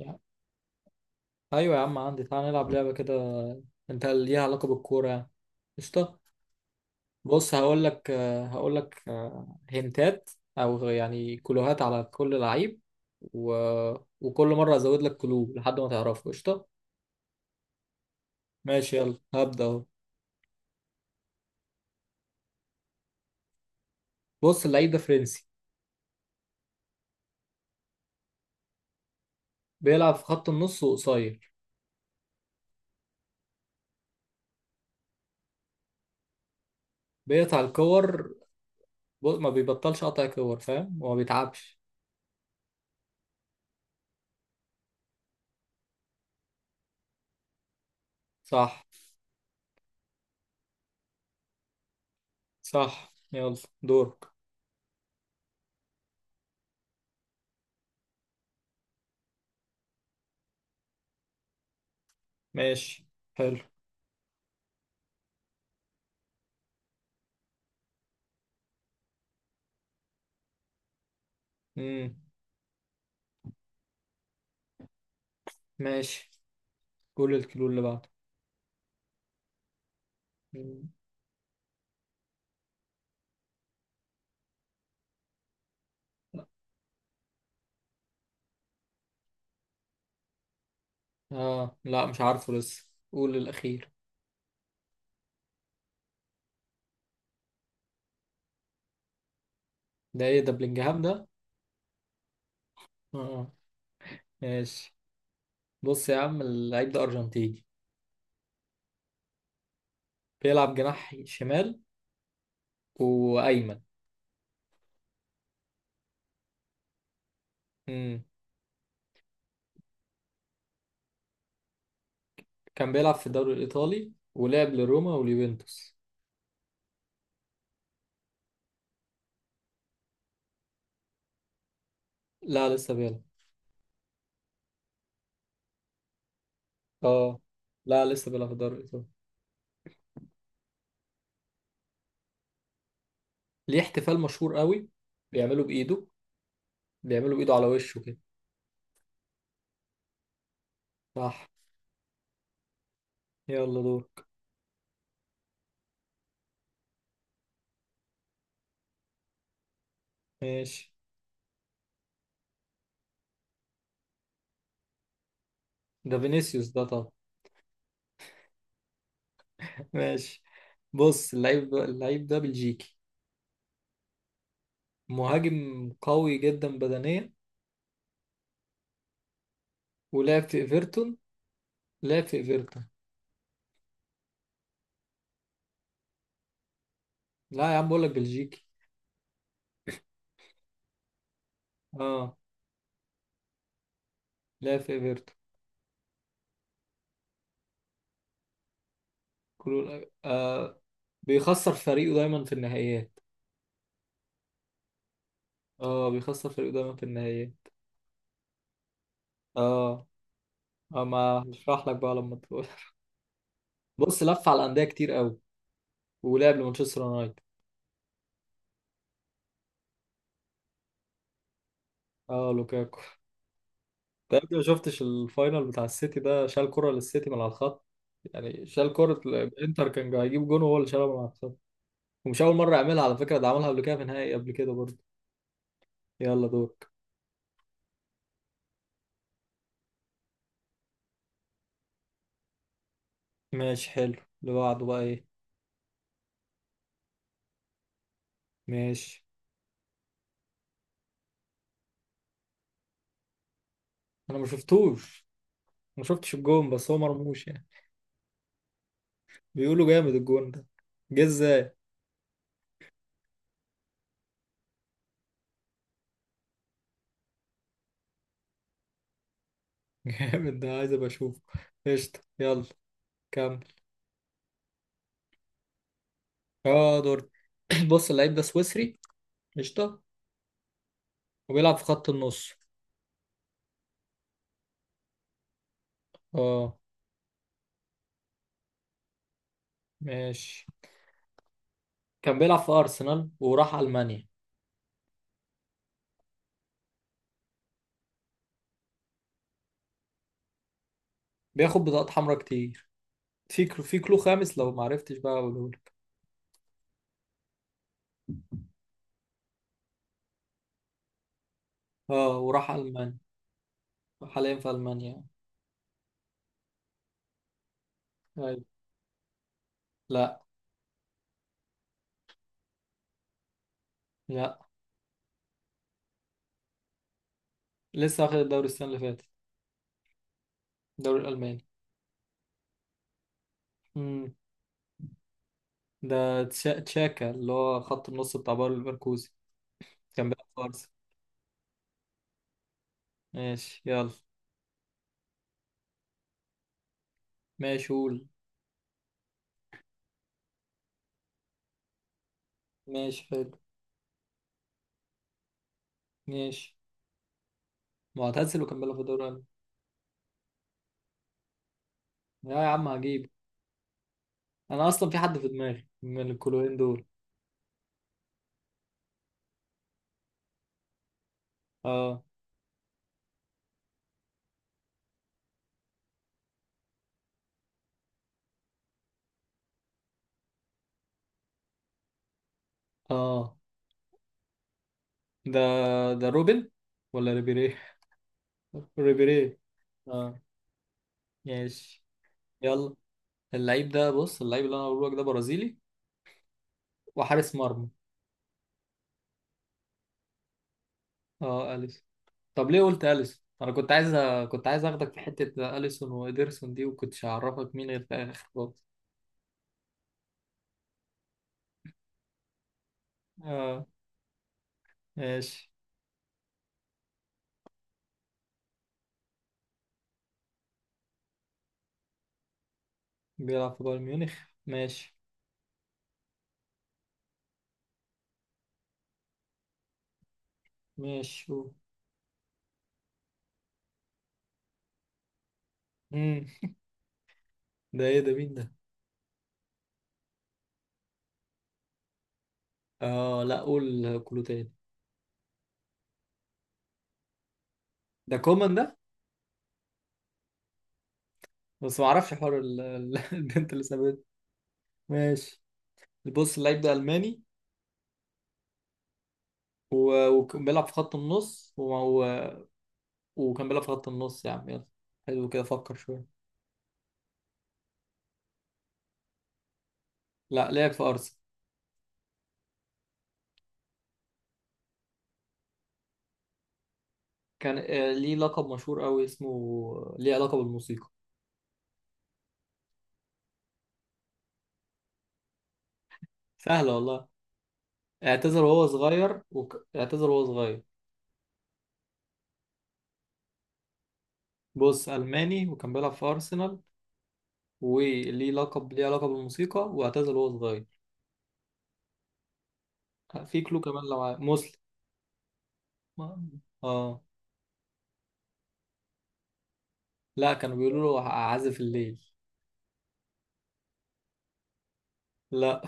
يا- ايوه يا عم عندي، تعال نلعب لعبه كده. انت ليها علاقه بالكوره يعني؟ قشطه. بص هقول لك. هنتات او يعني كلوهات على كل لعيب و... وكل مره ازود لك كلو لحد ما تعرفه. قشطه ماشي، يلا هبدا اهو. بص اللعيب ده فرنسي، بيلعب في خط النص وقصير، بيقطع الكور. بص ما بيبطلش قطع كور، فاهم؟ وما بيتعبش. صح. صح يلا دورك. ماشي. حلو. امم ماشي، قول الكيلو اللي بعده. مم. اه لا مش عارفه، لسه قول الاخير. ده ايه ده، بلينجهام ده؟ اه ماشي. بص يا عم اللعيب ده ارجنتيني، بيلعب جناح شمال وايمن. امم كان بيلعب في الدوري الايطالي ولعب لروما واليوفنتوس. لا لسه بيلعب. اه لا لسه بيلعب في الدوري الايطالي. ليه احتفال مشهور قوي، بيعمله بايده، بيعمله بايده على وشه كده. صح يلا دورك. ماشي. ده فينيسيوس ده طبعا. ماشي، بص اللعيب ده بلجيكي، مهاجم قوي جدا بدنيا، ولعب في ايفرتون. لعب في ايفرتون. لا يا عم بقول لك بلجيكي. اه. لعب في ايفرتون. كله آه، بيخسر فريقه دايما في النهائيات. اه بيخسر فريقه دايما في النهائيات. اه. ما هشرح لك بقى لما تقول. بص لف على انديه كتير قوي ولعب لمانشستر يونايتد. اه لوكاكو. طيب انت يا ابني ما شفتش الفاينل بتاع السيتي ده؟ شال كرة للسيتي من على الخط، يعني شال كرة، الانتر كان هيجيب جون وهو اللي شالها من على الخط. ومش أول مرة يعملها على فكرة، ده عملها قبل كده في نهائي قبل كده برضه. يلا دورك. ماشي حلو، اللي بعده بقى ايه؟ ماشي. أنا ما شفتوش، ما شفتش الجون، بس هو مرموش يعني. بيقولوا جامد الجون ده، جه ازاي؟ جامد، ده عايز ابقى اشوفه. قشطة يلا، كمل. اه دور. بص اللعيب ده سويسري. قشطة. وبيلعب في خط النص. اه ماشي. كان بيلعب في أرسنال وراح ألمانيا. بياخد بطاقات حمراء كتير. في كلو، في كلو خامس لو معرفتش بقى أقولهولك. اه وراح ألمانيا. حاليا في ألمانيا. أيوة. لا. لا، لسه واخد الدوري السنة اللي فاتت، الدوري الألماني. مم. ده تشاكا اللي هو خط النص بتاع باير ليفركوزن. كان بيلعب في أرسنال. ماشي يلا. ماشي قول. ماشي حلو. ماشي. معتزل وكان بيلعب في الدوري الألماني. يا عم هجيب. أنا أصلا في حد في دماغي من الكلوين دول. اه. اه. ده. ده روبن ولا ريبيري؟ ريبيري. اه ماشي. يلا. اللعيب ده، بص اللعيب اللي انا هقوله لك ده برازيلي وحارس مرمى. اه اليسون. طب ليه قلت اليسون؟ انا كنت كنت عايز اخدك في حتة اليسون وإيدرسون دي وكنتش هعرفك مين غير في الاخر خالص. اه ماشي. بيلعب في بايرن ميونخ. ماشي. ماشي شوف. امم ده ايه ده، مين ده؟ اه لا قول كله تاني. ده كومان ده. بس ما اعرفش حوار البنت اللي سابته. ماشي. بص اللعيب ده ألماني، وكان بيلعب في خط النص و... وكان بيلعب في خط النص، يا عم يلا. حلو كده، فكر شوية. لا لعب في أرسنال. كان آه، ليه لقب مشهور أوي، اسمه ليه علاقة بالموسيقى. سهلة والله. اعتزل وهو صغير، اعتزل وهو صغير. بص، ألماني وكان بيلعب في أرسنال، وليه لقب ليه علاقة بالموسيقى، واعتزل وهو صغير. في كلو كمان، لو مسلم. اه لا، كانوا بيقولوا له عازف الليل. لا،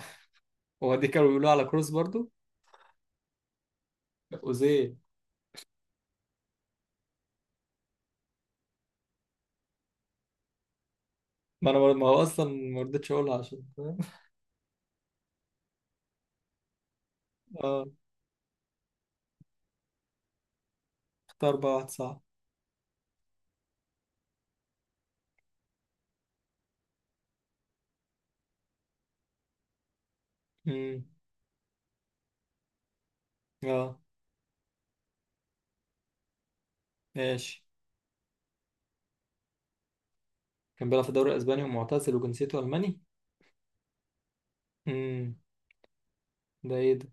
هو دي كانوا بيقولوا على كروس برضو. أوزيل. ما انا ما هو اصلا ما رضيتش اقولها، عشان فاهم؟ اه. اختار بقى واحد صعب. امم اه ماشي. كان بيلعب في الدوري الاسباني ومعتزل وجنسيته الماني. امم ده ايه ده؟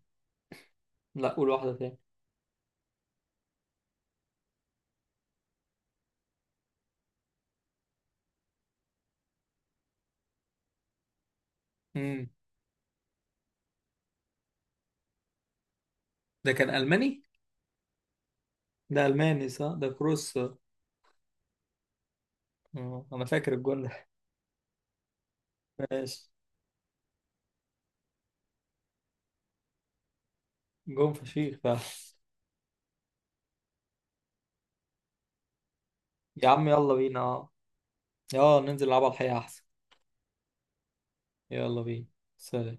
لا قول واحده تاني. امم ده كان الماني. ده الماني صح، ده كروس. اه انا فاكر الجون ده. ماشي. جون فشيخ بقى. يا عم يلا بينا. اه، ننزل نلعب على الحقيقه احسن. يلا بينا. سلام.